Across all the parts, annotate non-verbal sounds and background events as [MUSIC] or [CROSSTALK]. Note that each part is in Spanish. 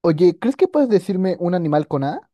Oye, ¿crees que puedes decirme un animal con A?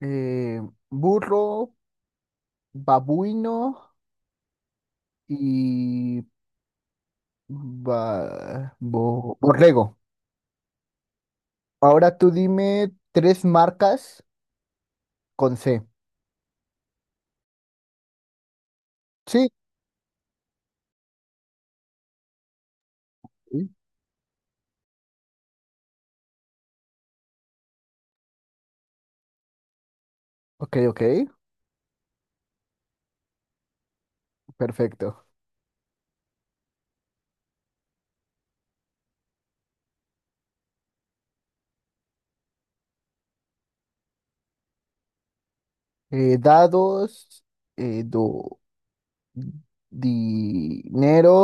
Eh, burro, babuino y borrego. Ahora tú dime tres marcas con C. Sí. Sí. Ok, ok, perfecto. Dados, eh, do- dinero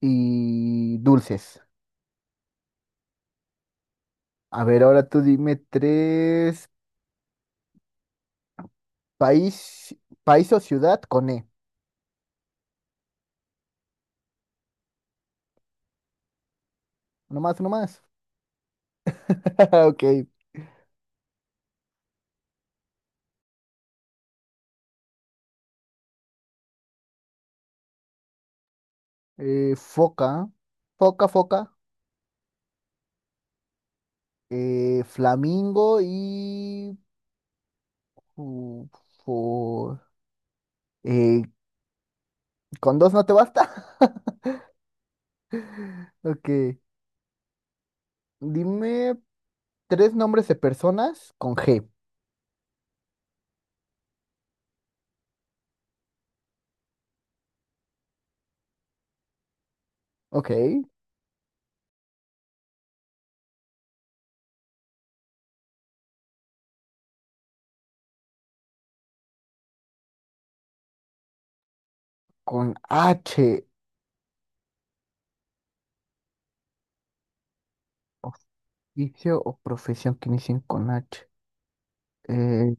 y dulces. A ver, ahora tú dime tres país, país o ciudad con E. No más, no más. [LAUGHS] Ok, foca, foca, foca, flamingo y... fu- fu- eh, ¿con dos no te basta? [LAUGHS] Ok, dime tres nombres de personas con G. Ok, con H, oficio o profesión que inicien con H. Eh,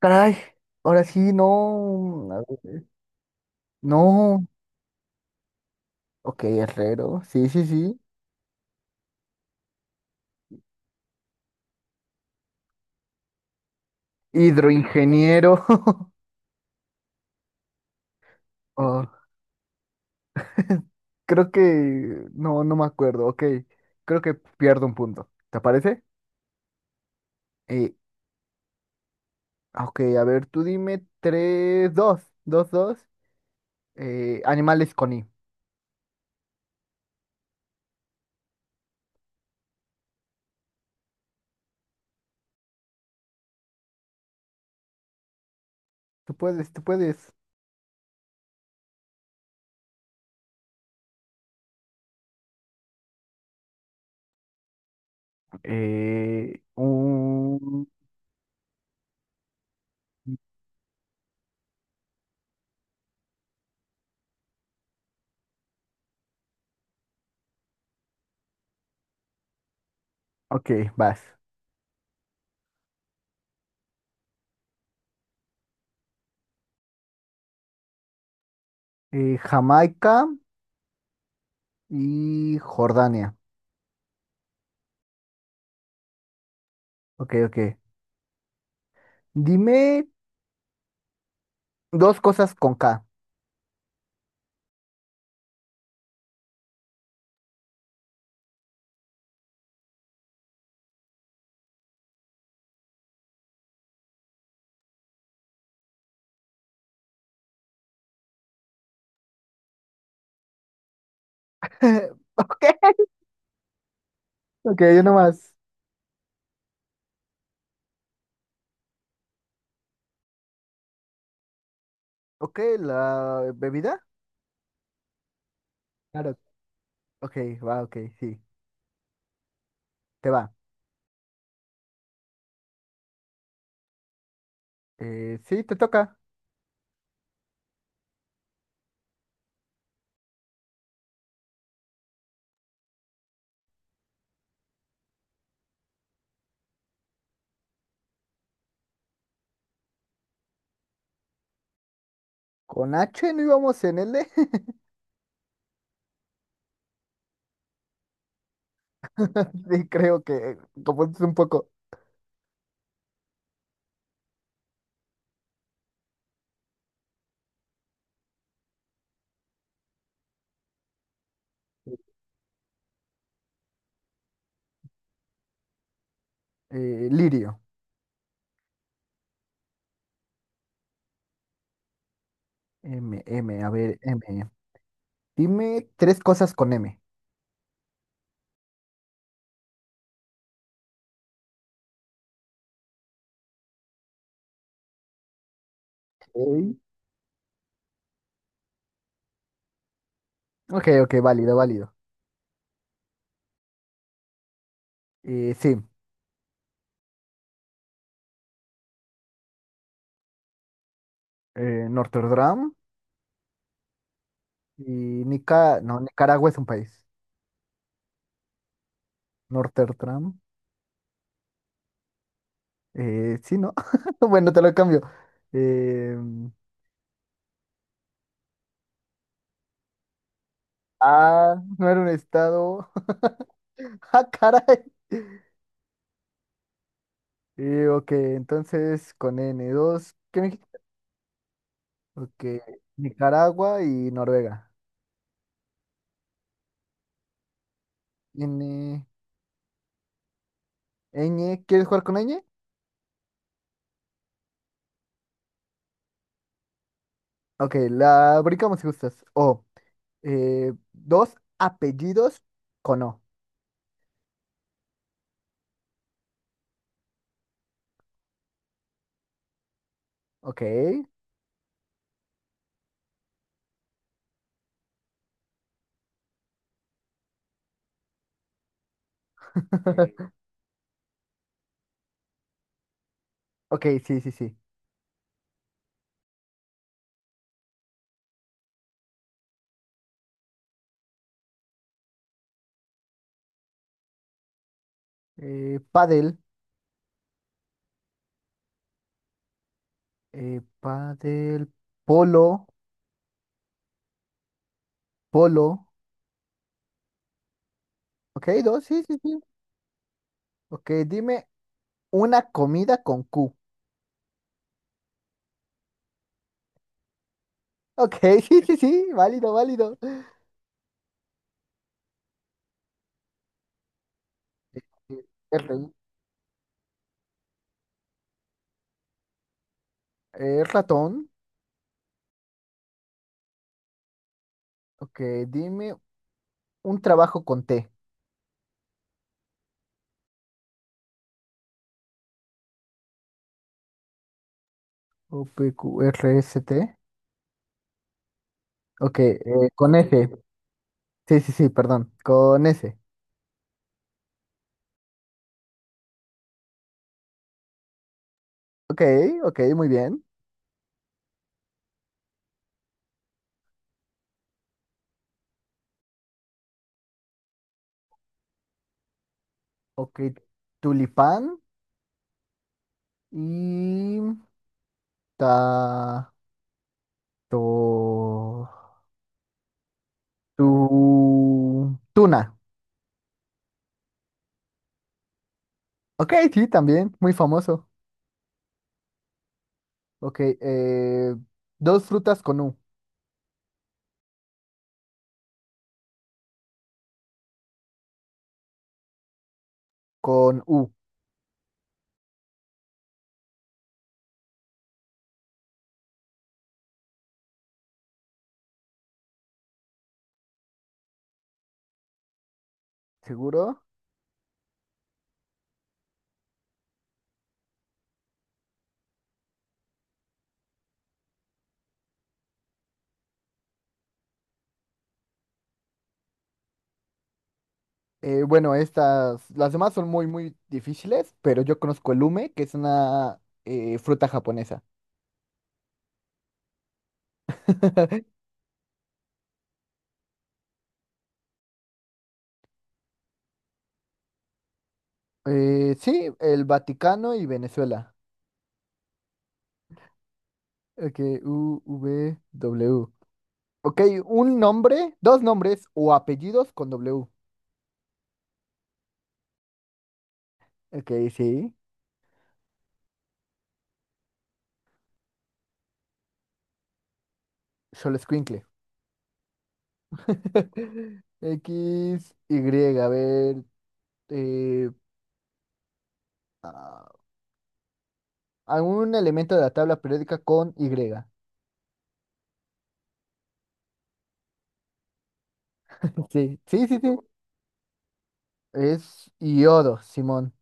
caray, ahora sí, no, a ver, no. Ok, herrero, sí, sí, sí. Hidroingeniero. [LAUGHS] Oh, [LAUGHS] Creo que no, no me acuerdo. Ok, creo que pierdo un punto. ¿Te parece? Eh, ok, a ver, tú dime tres, dos, dos, dos. Animales con I. Tú puedes, tú puedes. Eh, un... Ok, vas. Jamaica y Jordania. Ok, ok. Dime dos cosas con K. [LAUGHS] Ok, ok, yo nomás. Ok, la bebida. Claro. Ok, va, ok, sí. Te va. Sí, te toca. Con H no íbamos en L. [LAUGHS] Sí, creo que confundiste un poco. Lirio. M, M, a ver, M. Dime tres cosas con M. Ok, ok, ok, válido, válido. Sí, Norterdam y Nica... No, Nicaragua es un país. Norterdam. Sí, ¿no? [LAUGHS] Bueno, te lo cambio. Eh, no era un estado. [LAUGHS] Ah, caray. Ok, entonces con n dos ¿Qué me dijiste? Ok. Nicaragua y Noruega. N, Ñ, ¿quieres jugar con Ñ? Ok, la brincamos si gustas. O, dos apellidos con O. Ok. [LAUGHS] Ok, sí, sí, sí. Pádel, pádel, polo, polo. Ok, dos, sí, sí, sí. Ok, dime una comida con Q. Ok, [LAUGHS] sí, sí, sí, válido, válido. [LAUGHS] Eh, R, ratón. Ok, dime un trabajo con T. O P Q R OPQRST. Ok, con S. Sí, sí, sí, perdón. Con S. Ok, ok, muy bien. Ok, tulipán y ta to tu tuna. Ok, sí, también, muy famoso. Ok, dos frutas con U. Con U, seguro. Bueno, estas, las demás son muy, muy difíciles, pero yo conozco el ume, que es una fruta japonesa. [LAUGHS] Sí, el Vaticano y Venezuela. Ok, U, V, W. Ok, un nombre, dos nombres o apellidos con W. Ok, sí. Xolescuincle. [LAUGHS] X, Y, a ver. eh, ah, algún elemento de la tabla periódica con Y. Sí, sí, sí, sí. Es iodo, Simón.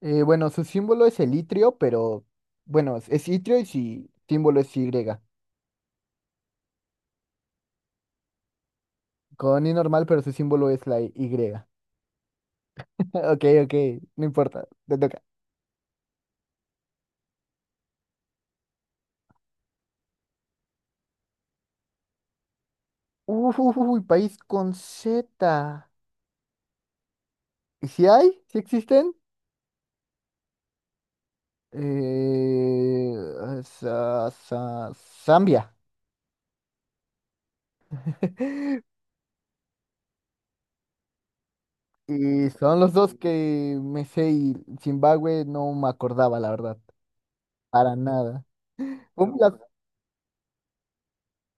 Bueno, su símbolo es el itrio, pero bueno, es itrio y su símbolo es Y. Con I normal, pero su símbolo es la Y. [LAUGHS] Ok, ok, no importa, te toca. Uf, uf, uy, país con Z. ¿Y si hay? ¿Si existen? Eh, Zambia. [LAUGHS] Y son los dos que me sé y Zimbabue no me acordaba, la verdad, para nada. Un pla-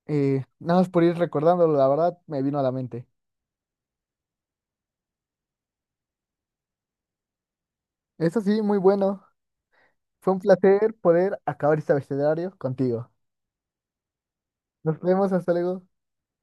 nada más por ir recordándolo, la verdad, me vino a la mente. Eso sí, muy bueno. Fue un placer poder acabar este abecedario contigo. Nos vemos, hasta luego.